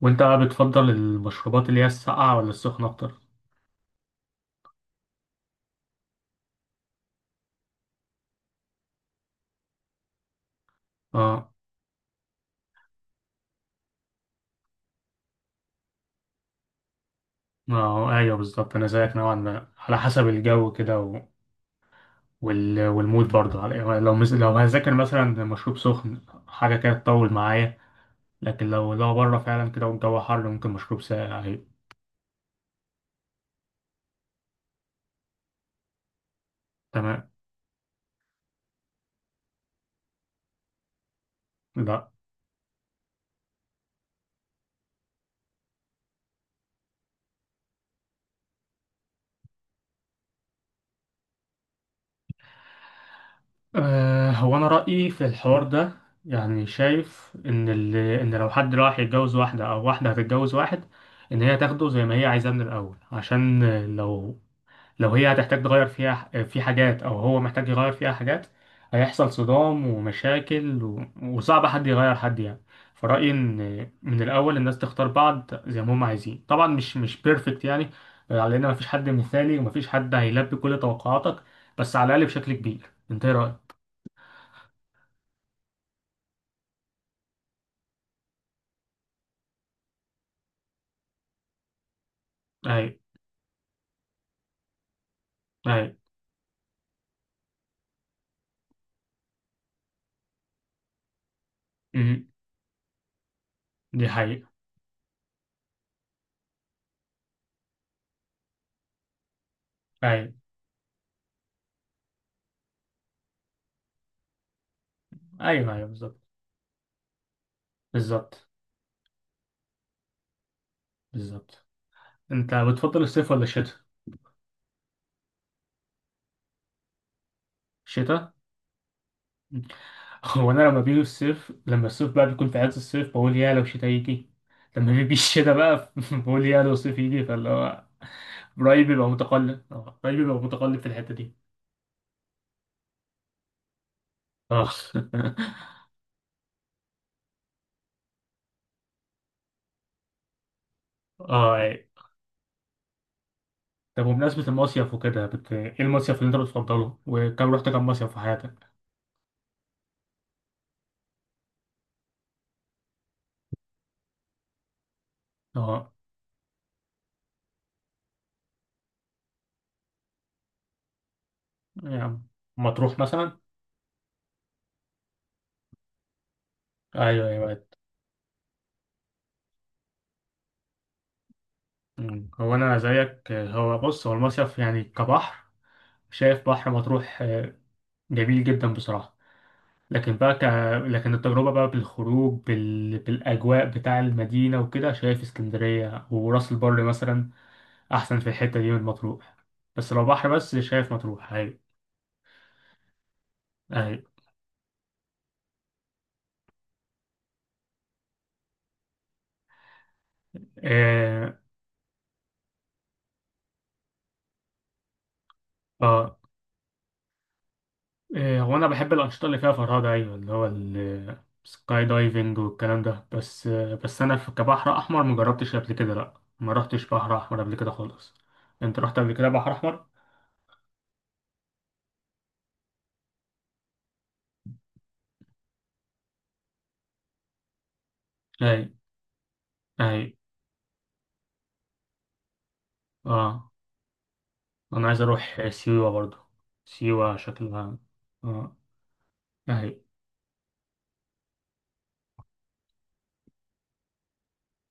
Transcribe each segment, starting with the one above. وانت بقى بتفضل المشروبات اللي هي الساقعة ولا السخنة اكتر؟ اه. اه، ايوه بالظبط، انا زيك نوعا ما على حسب الجو كده والمود برضه يعني لو هذاكر مثلا مشروب سخن، حاجة كده تطول معايا. لكن لو بره فعلا كده والجو حر ممكن مشروب ساقع، أيوة. تمام. لا. آه هو انا رأيي في الحوار ده، يعني شايف ان ان لو حد راح يتجوز واحدة او واحدة هتتجوز واحد، ان هي تاخده زي ما هي عايزاه من الاول، عشان لو لو هي هتحتاج تغير فيها في حاجات او هو محتاج يغير فيها حاجات هيحصل صدام ومشاكل، وصعب حد يغير حد يعني. فرأيي ان من الاول الناس تختار بعض زي ما هم عايزين، طبعا مش بيرفكت يعني، على ان مفيش حد مثالي ومفيش حد هيلبي كل توقعاتك، بس على الاقل بشكل كبير. انت ايه رأيك؟ اي. اي. أمم. دي حقيقة. اي، ايوه ايوه بالظبط. بالظبط. بالظبط. انت بتفضل الصيف ولا الشتاء؟ الشتاء. هو انا لما بيجي الصيف، لما الصيف بقى بيكون في عز الصيف بقول يا لو شتاء يجي، لما بيجي الشتاء بقى بقول يا لو صيف يجي، فاللي هو رأيي بيبقى متقلب، اه رأيي بيبقى متقلب في الحتة دي. اه. اه. أي. طب وبمناسبة المصيف وكده ايه المصيف اللي انت بتفضله، وكم رحت كم مصيف في حياتك؟ اه. يعني مطروح مثلا. ايوه ايوه. أمم. هو انا زيك، هو بص، هو المصيف يعني كبحر، شايف بحر مطروح، جميل جدا بصراحة. لكن بقى لكن التجربة بقى بالخروج بالأجواء بتاع المدينة وكده، شايف اسكندرية وراس البر مثلا أحسن في الحتة دي من مطروح. بس لو بحر بس، شايف مطروح أيوة. أيوة. آه آه هو أنا بحب الأنشطة اللي فيها فرهدة، أيوة، اللي هو السكاي دايفنج والكلام ده، بس بس أنا كبحر أحمر مجربتش قبل كده، لأ، ما رحتش بحر أحمر قبل كده خالص. أنت رحت قبل كده بحر أحمر؟ أيوة. أيوة. آه. انا عايز اروح سيوة برضو، سيوة شكلها. اه. اهي.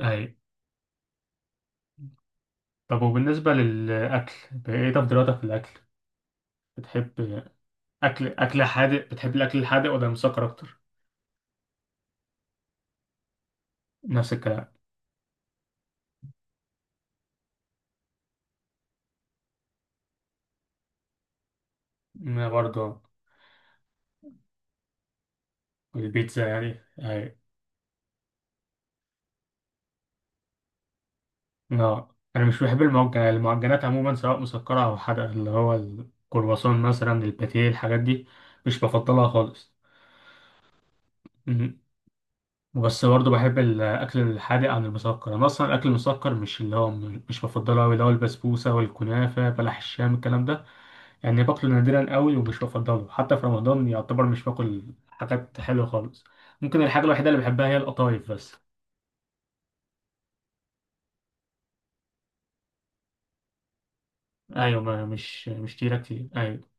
اهي. طب وبالنسبة للاكل ايه تفضيلاتك في الاكل، بتحب اكل حادق، بتحب الاكل الحادق ولا المسكر اكتر؟ نفس الكلام. انا برضو. البيتزا يعني اهي. لا انا مش بحب المعجنات، المعجنات عموما سواء مسكرة او حادقة، اللي هو الكرواسون مثلا، الباتيه، الحاجات دي مش بفضلها خالص. بس برضه بحب الأكل الحادق عن المسكر، أنا أصلا الأكل المسكر مش اللي هو مش بفضله أوي، اللي هو البسبوسة والكنافة، بلح الشام، الكلام ده يعني باكله نادرا أوي، ومش بفضله حتى في رمضان، يعتبر مش باكل حاجات حلوة خالص. ممكن الحاجة الوحيدة اللي بحبها هي القطايف بس. أيوة، ما مش كتيرة كتير، أيوة.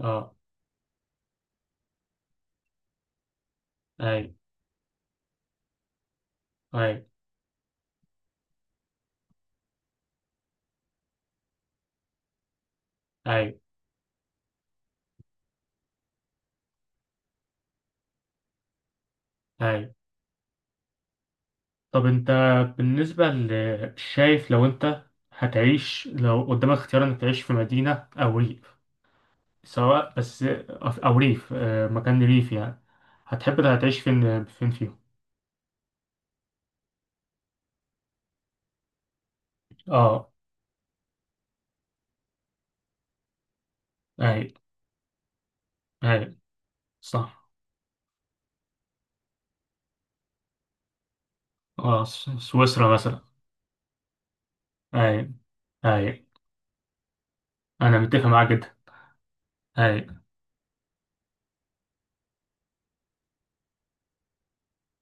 أه. أيوة. أيوة. أيوة. أيوة. طب أنت، بالنسبة شايف لو أنت هتعيش، لو قدامك اختيار إنك تعيش في مدينة أو ريف، سواء بس، أو ريف، مكان ريف يعني، هتحب هتعيش فين فيهم؟ اه. اي. اي. صح. اه، سويسرا مثلا. اي. اي. انا متفق معاك جدا. اي.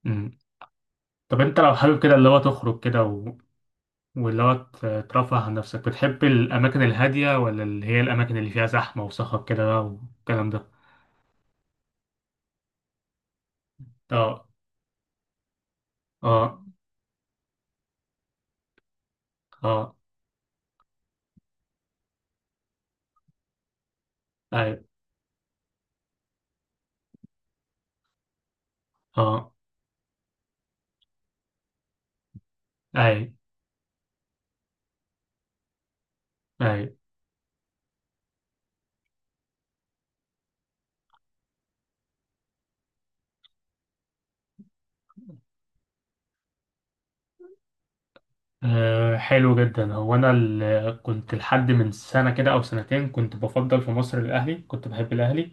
أمم. طب انت لو حابب كده اللي هو تخرج كده واللي هو ترفه عن نفسك، بتحب الاماكن الهاديه ولا اللي هي الاماكن اللي فيها زحمه وصخب كده بقى والكلام ده؟ اه. اه. اه. اي. اه. اي. اي. أه حلو جدا، هو انا كنت لحد من سنه كده او سنتين كنت بفضل في مصر الاهلي، كنت بحب الاهلي.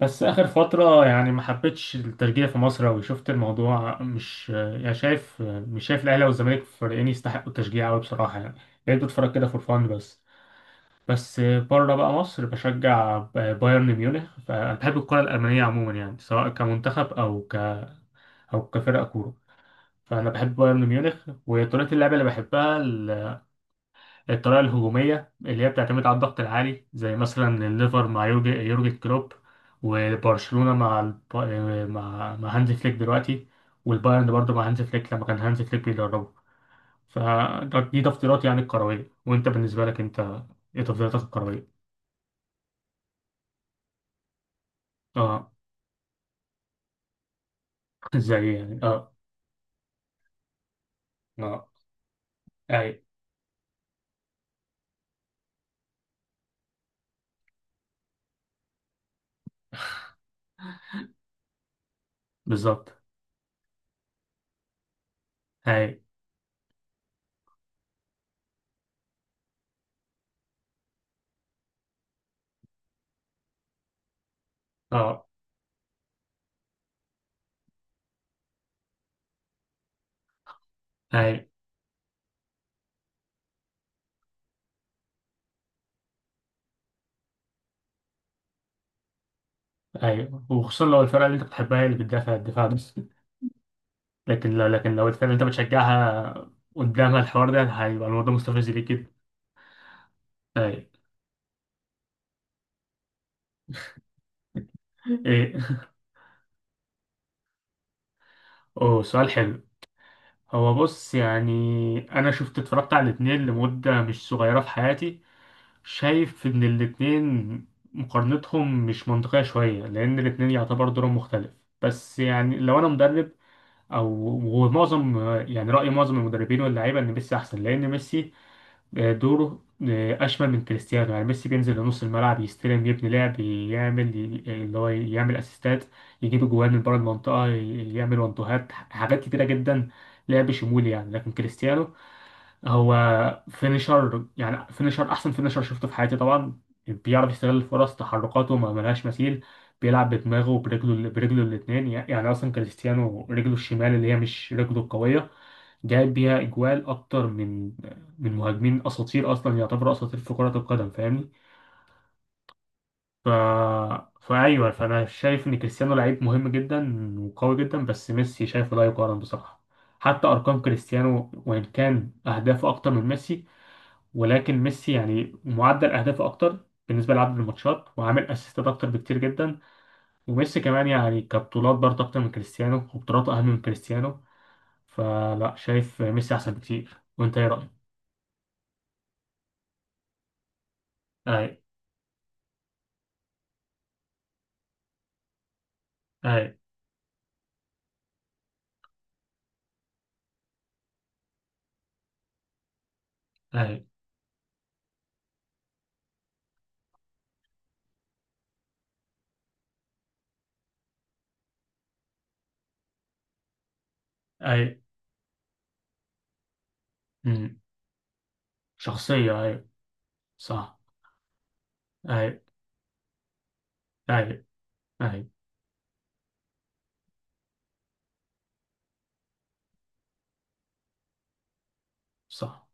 بس اخر فتره يعني ما حبيتش التشجيع في مصر أوي، شفت الموضوع مش، يعني شايف، مش شايف الاهلي والزمالك فريقين يستحقوا التشجيع قوي بصراحه يعني. بقيت بتفرج كده فور فان بس. بس بره بقى مصر بشجع بايرن ميونخ، فانا بحب الكره الالمانيه عموما يعني، سواء كمنتخب او او كفرقه كوره. فانا بحب بايرن ميونخ وطريقه اللعب اللي بحبها، الطريقة الهجومية اللي هي بتعتمد على الضغط العالي، زي مثلا الليفر مع يورجن كلوب، وبرشلونة مع مع هانز فليك دلوقتي، والبايرن برضه مع هانز فليك لما كان هانز فليك بيدربه. فدي تفضيلات يعني الكروية، وانت بالنسبة لك انت ايه تفضيلاتك الكروية؟ اه. زي ايه يعني؟ اه. اه. اي، بالظبط. اي. اه. اي. اي، وخصوصا لو الفرقة اللي انت بتحبها هي اللي بتدافع الدفاع ده. لكن لو الفرقة اللي انت بتشجعها قدامها الحوار ده، هيبقى الموضوع مستفز ليك جدا. طيب. ايه؟ اوه سؤال حلو. هو بص، يعني انا اتفرجت على الاتنين لمدة مش صغيرة في حياتي، شايف ان الاتنين مقارنتهم مش منطقية شوية، لان الاتنين يعتبر دورهم مختلف. بس يعني لو انا مدرب، او ومعظم، يعني رأي معظم المدربين واللعيبة ان ميسي احسن، لان ميسي دوره أشمل من كريستيانو. يعني ميسي بينزل لنص الملعب، يستلم، يبني لعب، يعمل اللي هو يعمل أسيستات، يجيب جوان من بره المنطقة، يعمل وانتوهات، حاجات كتيرة جدا، لعب شمولي يعني. لكن كريستيانو هو فينيشر، يعني فينيشر، أحسن فينيشر شفته في حياتي طبعا، بيعرف يستغل الفرص، تحركاته ما ملهاش مثيل، بيلعب بدماغه وبرجله، برجله الاتنين يعني. أصلا كريستيانو رجله الشمال اللي هي مش رجله القوية جايب بيها اجوال اكتر من مهاجمين اساطير، اصلا يعتبروا اساطير في كرة القدم، فاهمني. ف... فايوه، فانا شايف ان كريستيانو لعيب مهم جدا وقوي جدا، بس ميسي شايفه لا يقارن بصراحة. حتى ارقام كريستيانو، وان كان اهدافه اكتر من ميسي، ولكن ميسي يعني معدل اهدافه اكتر بالنسبة لعدد الماتشات، وعامل اسيستات اكتر بكتير جدا، وميسي كمان يعني كبطولات برضه اكتر من كريستيانو، وبطولاته اهم من كريستيانو. فلا، شايف ميسي احسن بكتير. وانت ايه رأيك؟ أي. أي. أي. أمم. شخصية، أي. صح. أي. أي. أي. صح.